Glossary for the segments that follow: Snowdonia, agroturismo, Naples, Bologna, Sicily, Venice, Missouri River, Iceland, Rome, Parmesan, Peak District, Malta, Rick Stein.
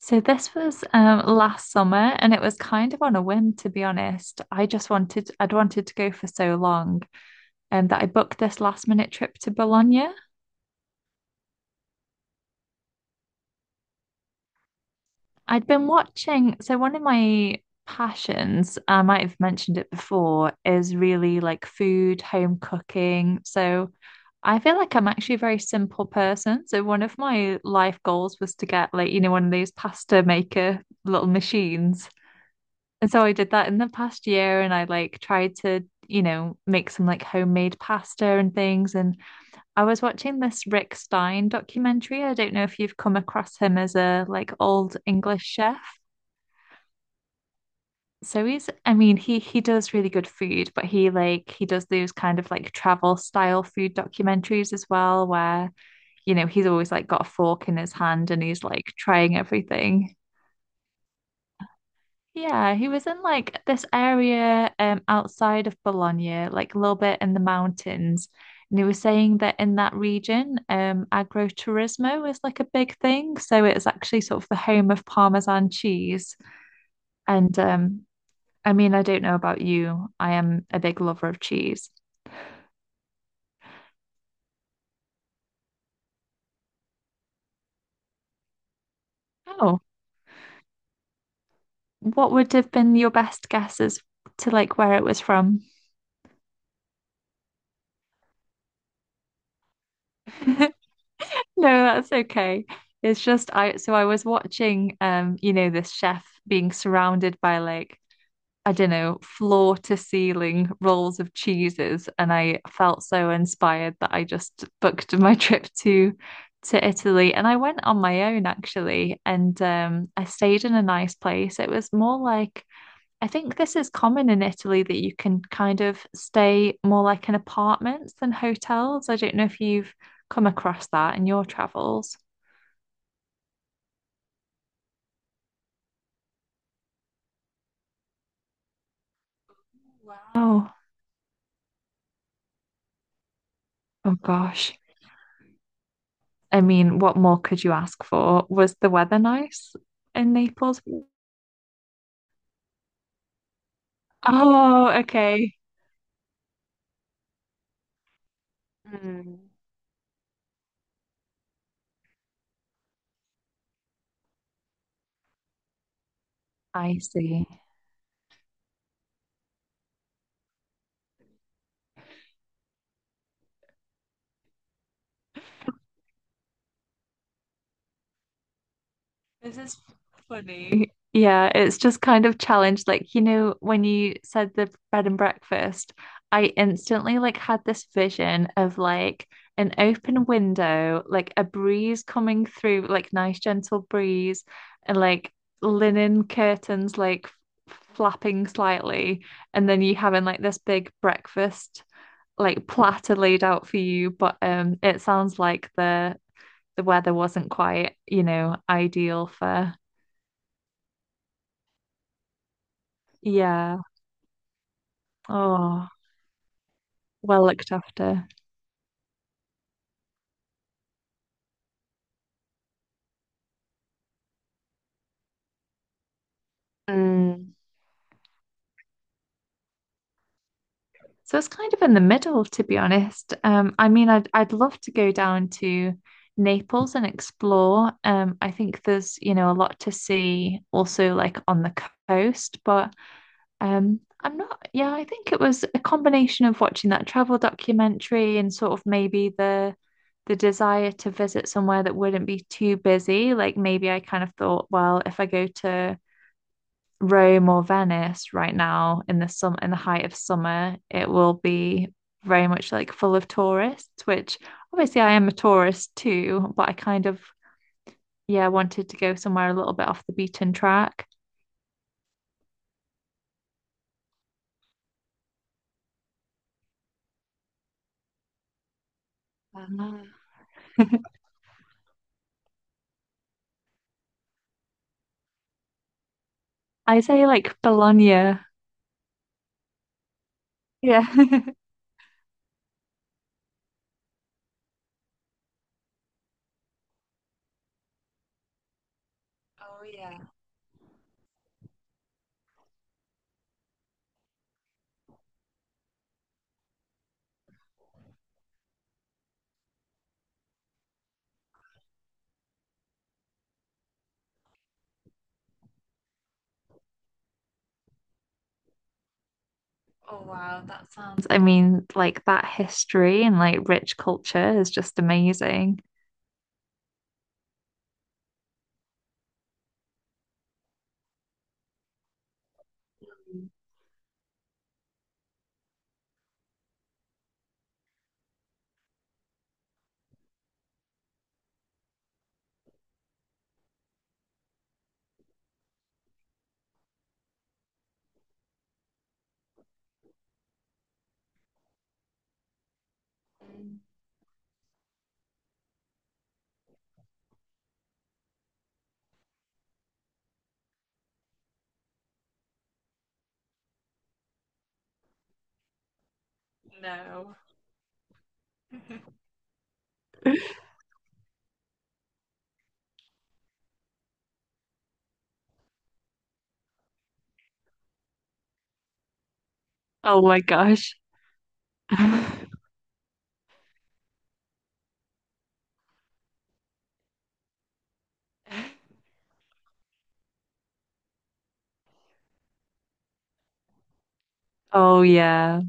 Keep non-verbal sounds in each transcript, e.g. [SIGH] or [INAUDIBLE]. So this was last summer, and it was kind of on a whim, to be honest. I'd wanted to go for so long, and that I booked this last minute trip to Bologna. I'd been watching, so one of my passions, I might have mentioned it before, is really like food, home cooking. So I feel like I'm actually a very simple person. So one of my life goals was to get, like, you know, one of those pasta maker little machines. And so I did that in the past year and I like tried to, you know, make some like homemade pasta and things. And I was watching this Rick Stein documentary. I don't know if you've come across him as a like old English chef. So I mean, he does really good food, but he like he does those kind of like travel style food documentaries as well, where, you know, he's always like got a fork in his hand and he's like trying everything. Yeah, he was in like this area outside of Bologna, like a little bit in the mountains. And he was saying that in that region, agroturismo is like a big thing. So it's actually sort of the home of Parmesan cheese. And I mean, I don't know about you. I am a big lover of cheese. Oh, what would have been your best guesses to like where it was from? [LAUGHS] No, that's okay. It's just I so I was watching you know, this chef being surrounded by like, I don't know, floor to ceiling rolls of cheeses, and I felt so inspired that I just booked my [LAUGHS] trip to Italy. And I went on my own actually, and I stayed in a nice place. It was more like I think this is common in Italy that you can kind of stay more like in apartments than hotels. I don't know if you've come across that in your travels. Wow. Oh gosh. I mean, what more could you ask for? Was the weather nice in Naples? Oh, okay. Mm. I see. This is funny. Yeah, it's just kind of challenged. Like, you know, when you said the bread and breakfast, I instantly like had this vision of like an open window, like a breeze coming through, like nice gentle breeze, and like linen curtains like flapping slightly, and then you having like this big breakfast like platter laid out for you. But it sounds like the weather wasn't quite, you know, ideal for. Yeah. Oh, well looked after. Mm. So it's kind of in the middle, to be honest. I mean, I'd love to go down to Naples and explore. I think there's, you know, a lot to see also like on the coast, but I'm not, yeah, I think it was a combination of watching that travel documentary and sort of maybe the desire to visit somewhere that wouldn't be too busy. Like maybe I kind of thought, well, if I go to Rome or Venice right now in the height of summer, it will be very much like full of tourists, which obviously I am a tourist too, but I kind of yeah wanted to go somewhere a little bit off the beaten track. Ah, I say like Bologna. Yeah. [LAUGHS] oh yeah. I mean, like that history and like rich culture is just amazing. Oh my gosh. [LAUGHS] Oh yeah.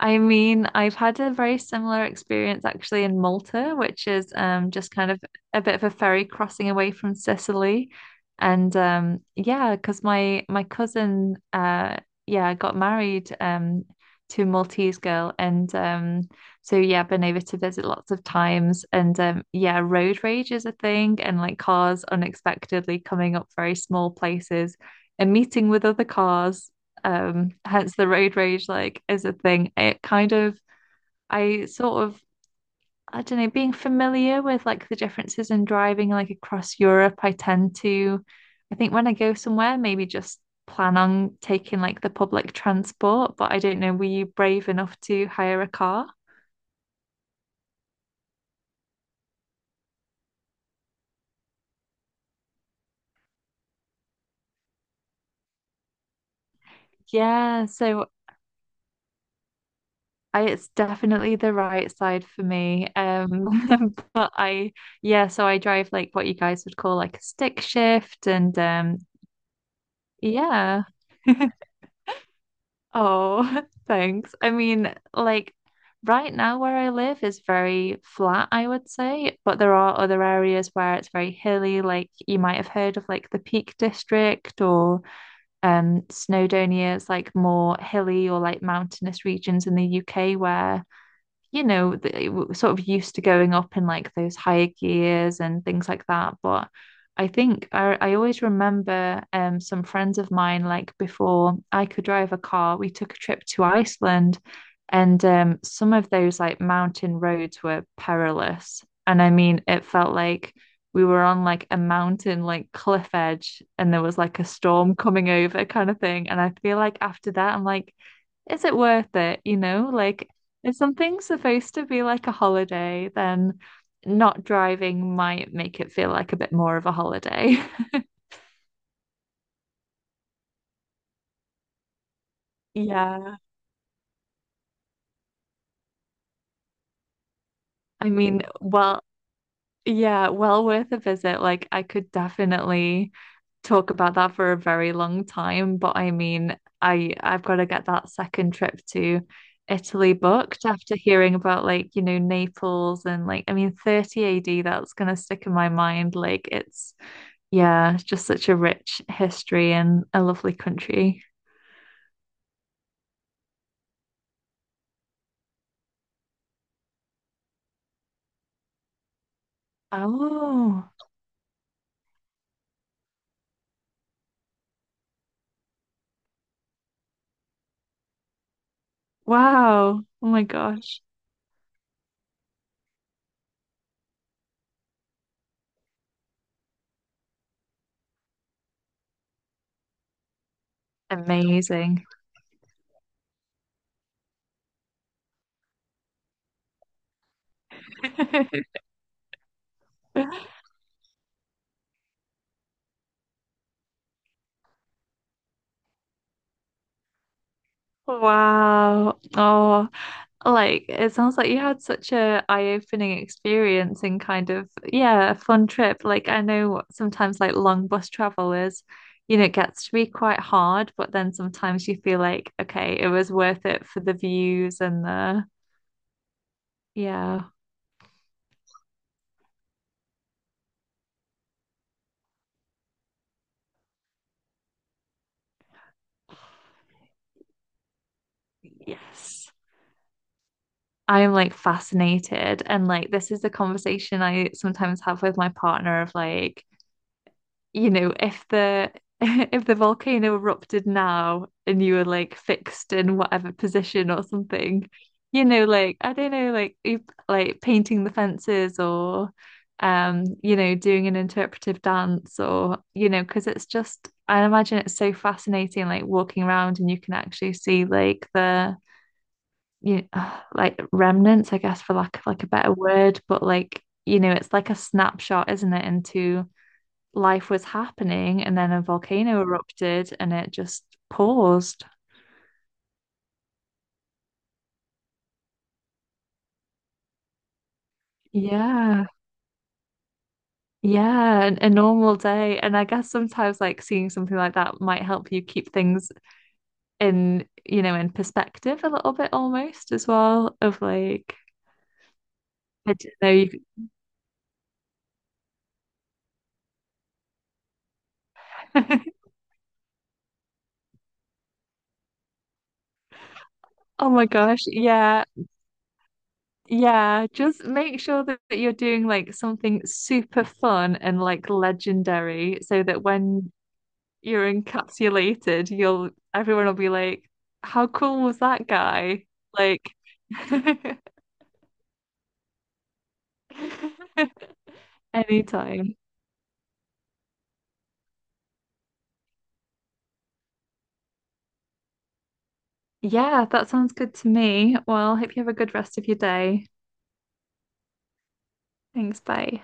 I mean, I've had a very similar experience actually in Malta, which is just kind of a bit of a ferry crossing away from Sicily. And yeah, because my cousin yeah got married, to a Maltese girl, and so yeah, been over to visit lots of times. And yeah, road rage is a thing, and like cars unexpectedly coming up very small places and meeting with other cars. Hence the road rage like is a thing. It kind of I sort of I don't know, being familiar with like the differences in driving like across Europe, I tend to I think when I go somewhere, maybe just plan on taking like the public transport, but I don't know, were you brave enough to hire a car? Yeah, so I, it's definitely the right side for me. [LAUGHS] But I, yeah, so I drive like what you guys would call like a stick shift and yeah. [LAUGHS] Oh, [LAUGHS] thanks. I mean, like right now where I live is very flat, I would say, but there are other areas where it's very hilly, like you might have heard of like the Peak District or Snowdonia. It's like more hilly or like mountainous regions in the UK where you know, sort of used to going up in like those higher gears and things like that. But I always remember some friends of mine, like before I could drive a car, we took a trip to Iceland and some of those like mountain roads were perilous. And I mean, it felt like we were on like a mountain, like cliff edge, and there was like a storm coming over kind of thing. And I feel like after that, I'm like, is it worth it? You know, like if something's supposed to be like a holiday, then not driving might make it feel like a bit more of a holiday. [LAUGHS] Yeah. I mean, well, yeah, well worth a visit. Like, I could definitely talk about that for a very long time, but I mean, I've got to get that second trip to Italy booked after hearing about like, you know, Naples and like, I mean, 30 AD, that's gonna stick in my mind. Like, it's. Yeah, it's just such a rich history and a lovely country. Oh, wow. Oh my gosh. Amazing. [LAUGHS] Wow. Oh, like it sounds like you had such a eye-opening experience and kind of yeah, a fun trip. Like I know sometimes like long bus travel is, you know, it gets to be quite hard, but then sometimes you feel like, okay, it was worth it for the views and the yeah. Yes. I am like fascinated. And like, this is the conversation I sometimes have with my partner of like, you know, if the [LAUGHS] if the volcano erupted now and you were like fixed in whatever position or something, you know, like I don't know, like you like painting the fences or you know, doing an interpretive dance or, you know, because it's just I imagine it's so fascinating, like walking around and you can actually see like the you know, like remnants, I guess, for lack of like a better word, but like, you know, it's like a snapshot, isn't it, into life was happening and then a volcano erupted and it just paused. Yeah. Yeah, a normal day. And I guess sometimes like seeing something like that might help you keep things in, you know, in perspective a little bit almost as well of like, I don't know, you... [LAUGHS] Oh my gosh, yeah. Yeah, just make sure that you're doing like something super fun and like legendary so that when you're encapsulated, you'll everyone will be like, how cool was that guy? Like [LAUGHS] anytime. Yeah, that sounds good to me. Well, hope you have a good rest of your day. Thanks, bye.